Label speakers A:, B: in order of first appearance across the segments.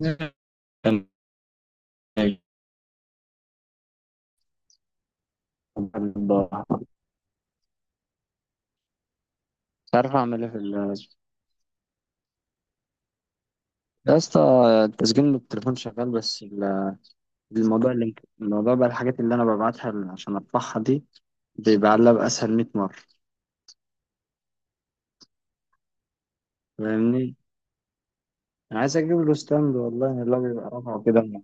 A: مش عارف اعمل ايه في ال يا اسطى. التسجيل من التليفون شغال بس الموضوع اللي الموضوع بقى الحاجات اللي انا ببعتها ل- عشان ارفعها دي بيبقى علبة اسهل 100 مرة. فاهمني. انا عايز اجيب له ستاند والله اللي هو بيبقى رافعه كده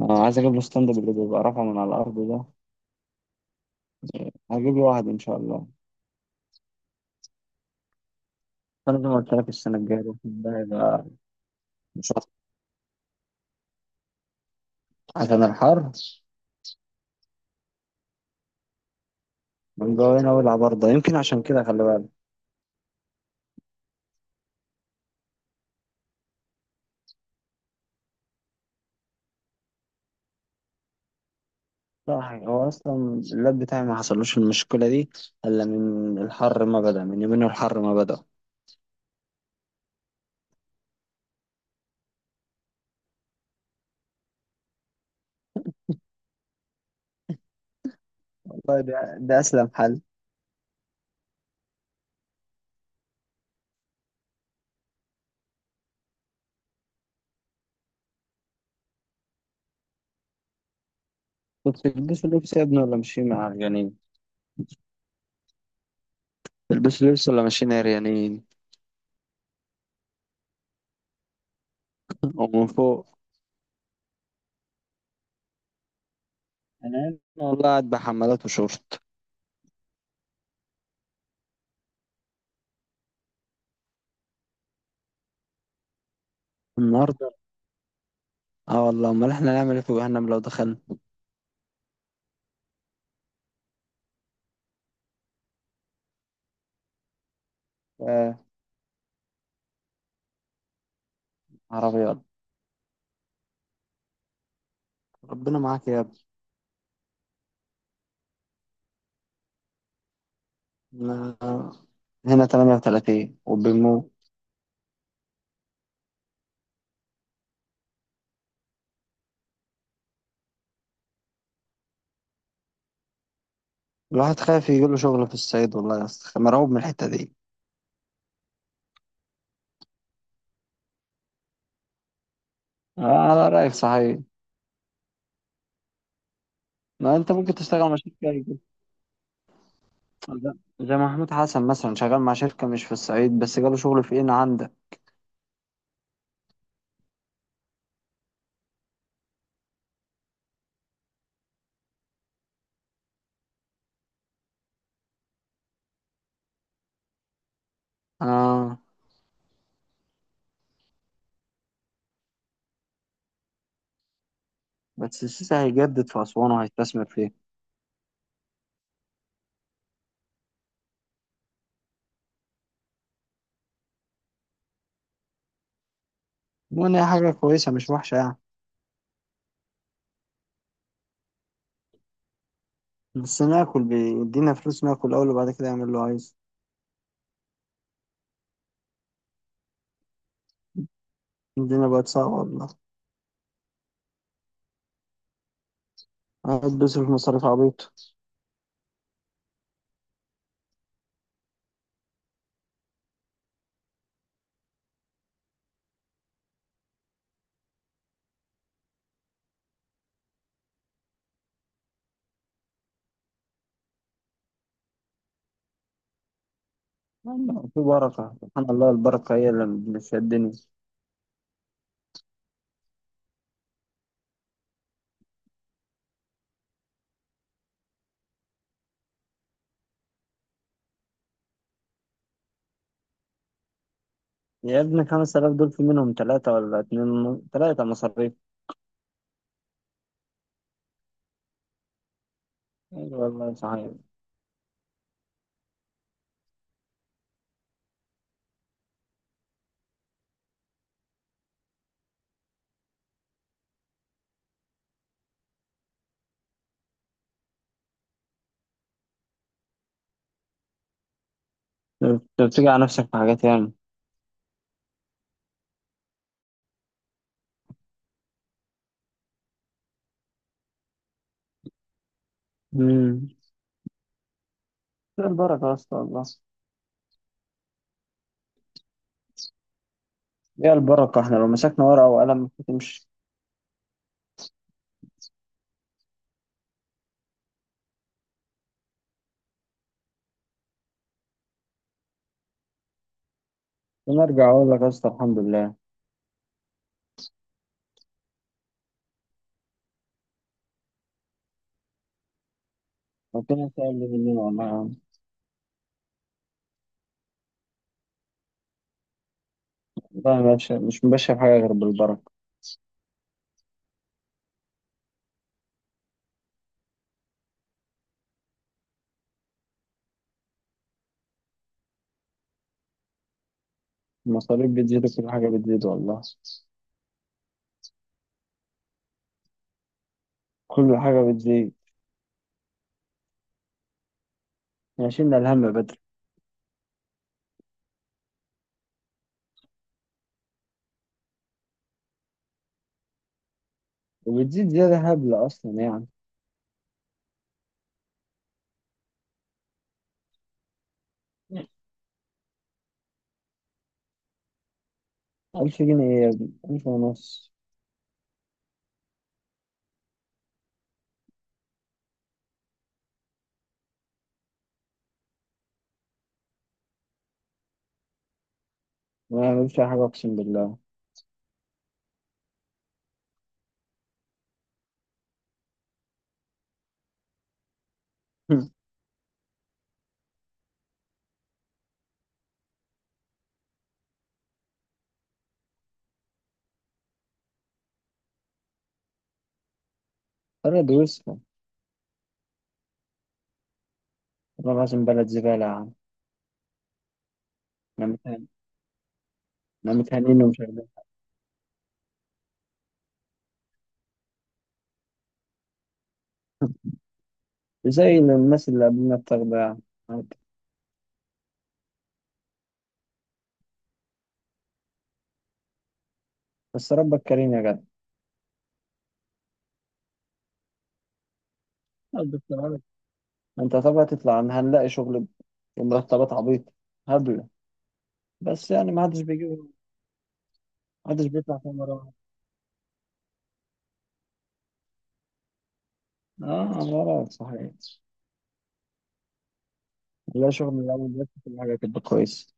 A: انا عايز اجيب له ستاند اللي بيبقى رافعه من على الارض ده. هجيب له واحد ان شاء الله. انا زي ما قلت لك السنه الجايه ده هيبقى مش عارف، عشان الحر من جوه هنا والعب برضه يمكن عشان كده خلي بالك. صح، هو اصلا اللاب بتاعي ما حصلوش المشكله دي الا من الحر، ما بدا من يومين الحر ما بدا. والله ده اسلم حل. كنت تلبسوا لبس يا ابني ولا ماشيين عريانين؟ تلبسوا لبس ولا ماشيين عريانين؟ ومن فوق. انا هنا والله قاعد بحمالات وشورت. النهارده اه والله، امال احنا نعمل ايه في جهنم لو دخلنا؟ آه. عربيات. ربنا معاك يا ابني. أنا هنا 38 وبنموت. الواحد خايف يجيله شغل في الصعيد والله يا اسطى، مرعوب من الحته دي. آه، على رايك صحيح. ما انت ممكن تشتغل مع شركة لا، زي محمود حسن مثلا شغال مع شركة مش في الصعيد بس جاله شغل في ان عندك. اه. بس السيسي هيجدد في اسوان وهيستثمر فيه. المهم هي حاجة كويسة مش وحشة يعني. بس ناكل بيدينا فلوس، ناكل اول وبعد كده يعمل اللي هو عايزه. الدنيا بقت صعبة والله، قاعد بيصرف مصاريف عبيطة. يلا، في بركة سبحان الله، البركة هي اللي بتشدني. يا ابني 5000 دول في منهم ثلاثة، ولا اتنين ثلاثة مصاريف. أيوة والله صحيح. أنت بتيجي على نفسك في حاجات يعني. مم. هي البركة يا اسطى والله. هي البركة، احنا لو مسكنا ورقة وقلم مش هتمشي. ونرجع أقول لك يا اسطى الحمد لله. ربنا سهل لي مننا والله يا عم. والله ما بش- مش مبشر بحاجة غير بالبركة. المصاريف بتزيد وكل حاجة بتزيد والله، كل حاجة بتزيد. احنا شلنا الهم بدري. وبتزيد زيادة هبلة أصلا يعني. ألف جنيه إيه يا ابني، ألف ونص. ما بعملش أي حاجة أقسم بالله. بلد وسخة. والله العظيم بلد زبالة يا عم. احنا متهان- احنا متهانين ومش عارف إيه. زي الناس اللي قبلنا بتاخدها. بس ربك كريم يا جدع. ربك يعينك. انت طبعا تطلع عن هنلاقي شغل بمرتبات عبيطة هبلة. بس يعني ما حدش بيجيب ما حدش بيطلع فيها مرة واحدة. اه مرة صحيح. هنلاقي شغل من الأول بس كل حاجة تبقى كويس.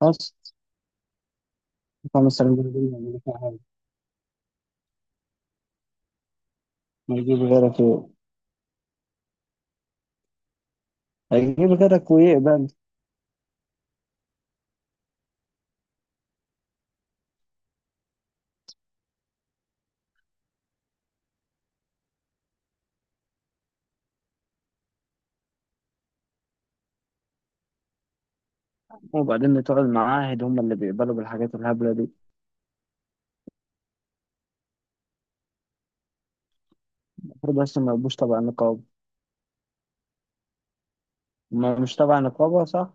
A: بس 5 سنين دول ما يعملوش حاجة. ما يجيب غيرك و- هيجيب غيرك ويقبل. وبعدين بتوع المعاهد هم اللي بيقبلوا بالحاجات الهبلة دي. المفروض أصلا ما يبقوش تبع نقابة. ما مش تبع نقابة صح؟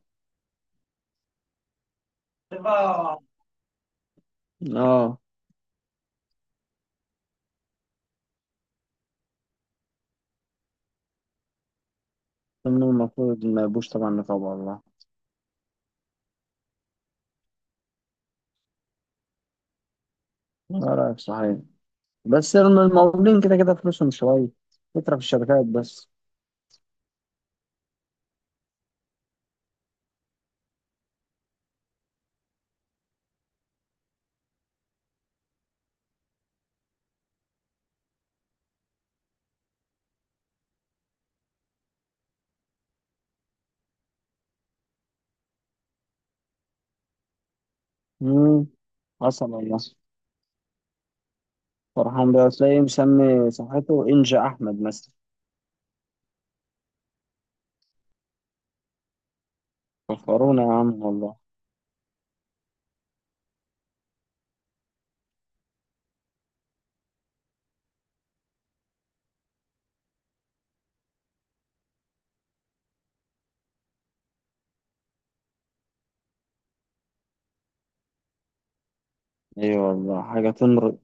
A: اه، إنهم المفروض ما يبقوش تبع النقابة والله. لا صحيح. بس المقاولين كده كده فلوسهم شوية، فكرة في الشركات بس. مم. حصل والله. فرحان بيه، تلاقيه مسمي صفحته إنجا أحمد مثلا. فخرونا يا عم والله. أيوة والله حاجة تمر.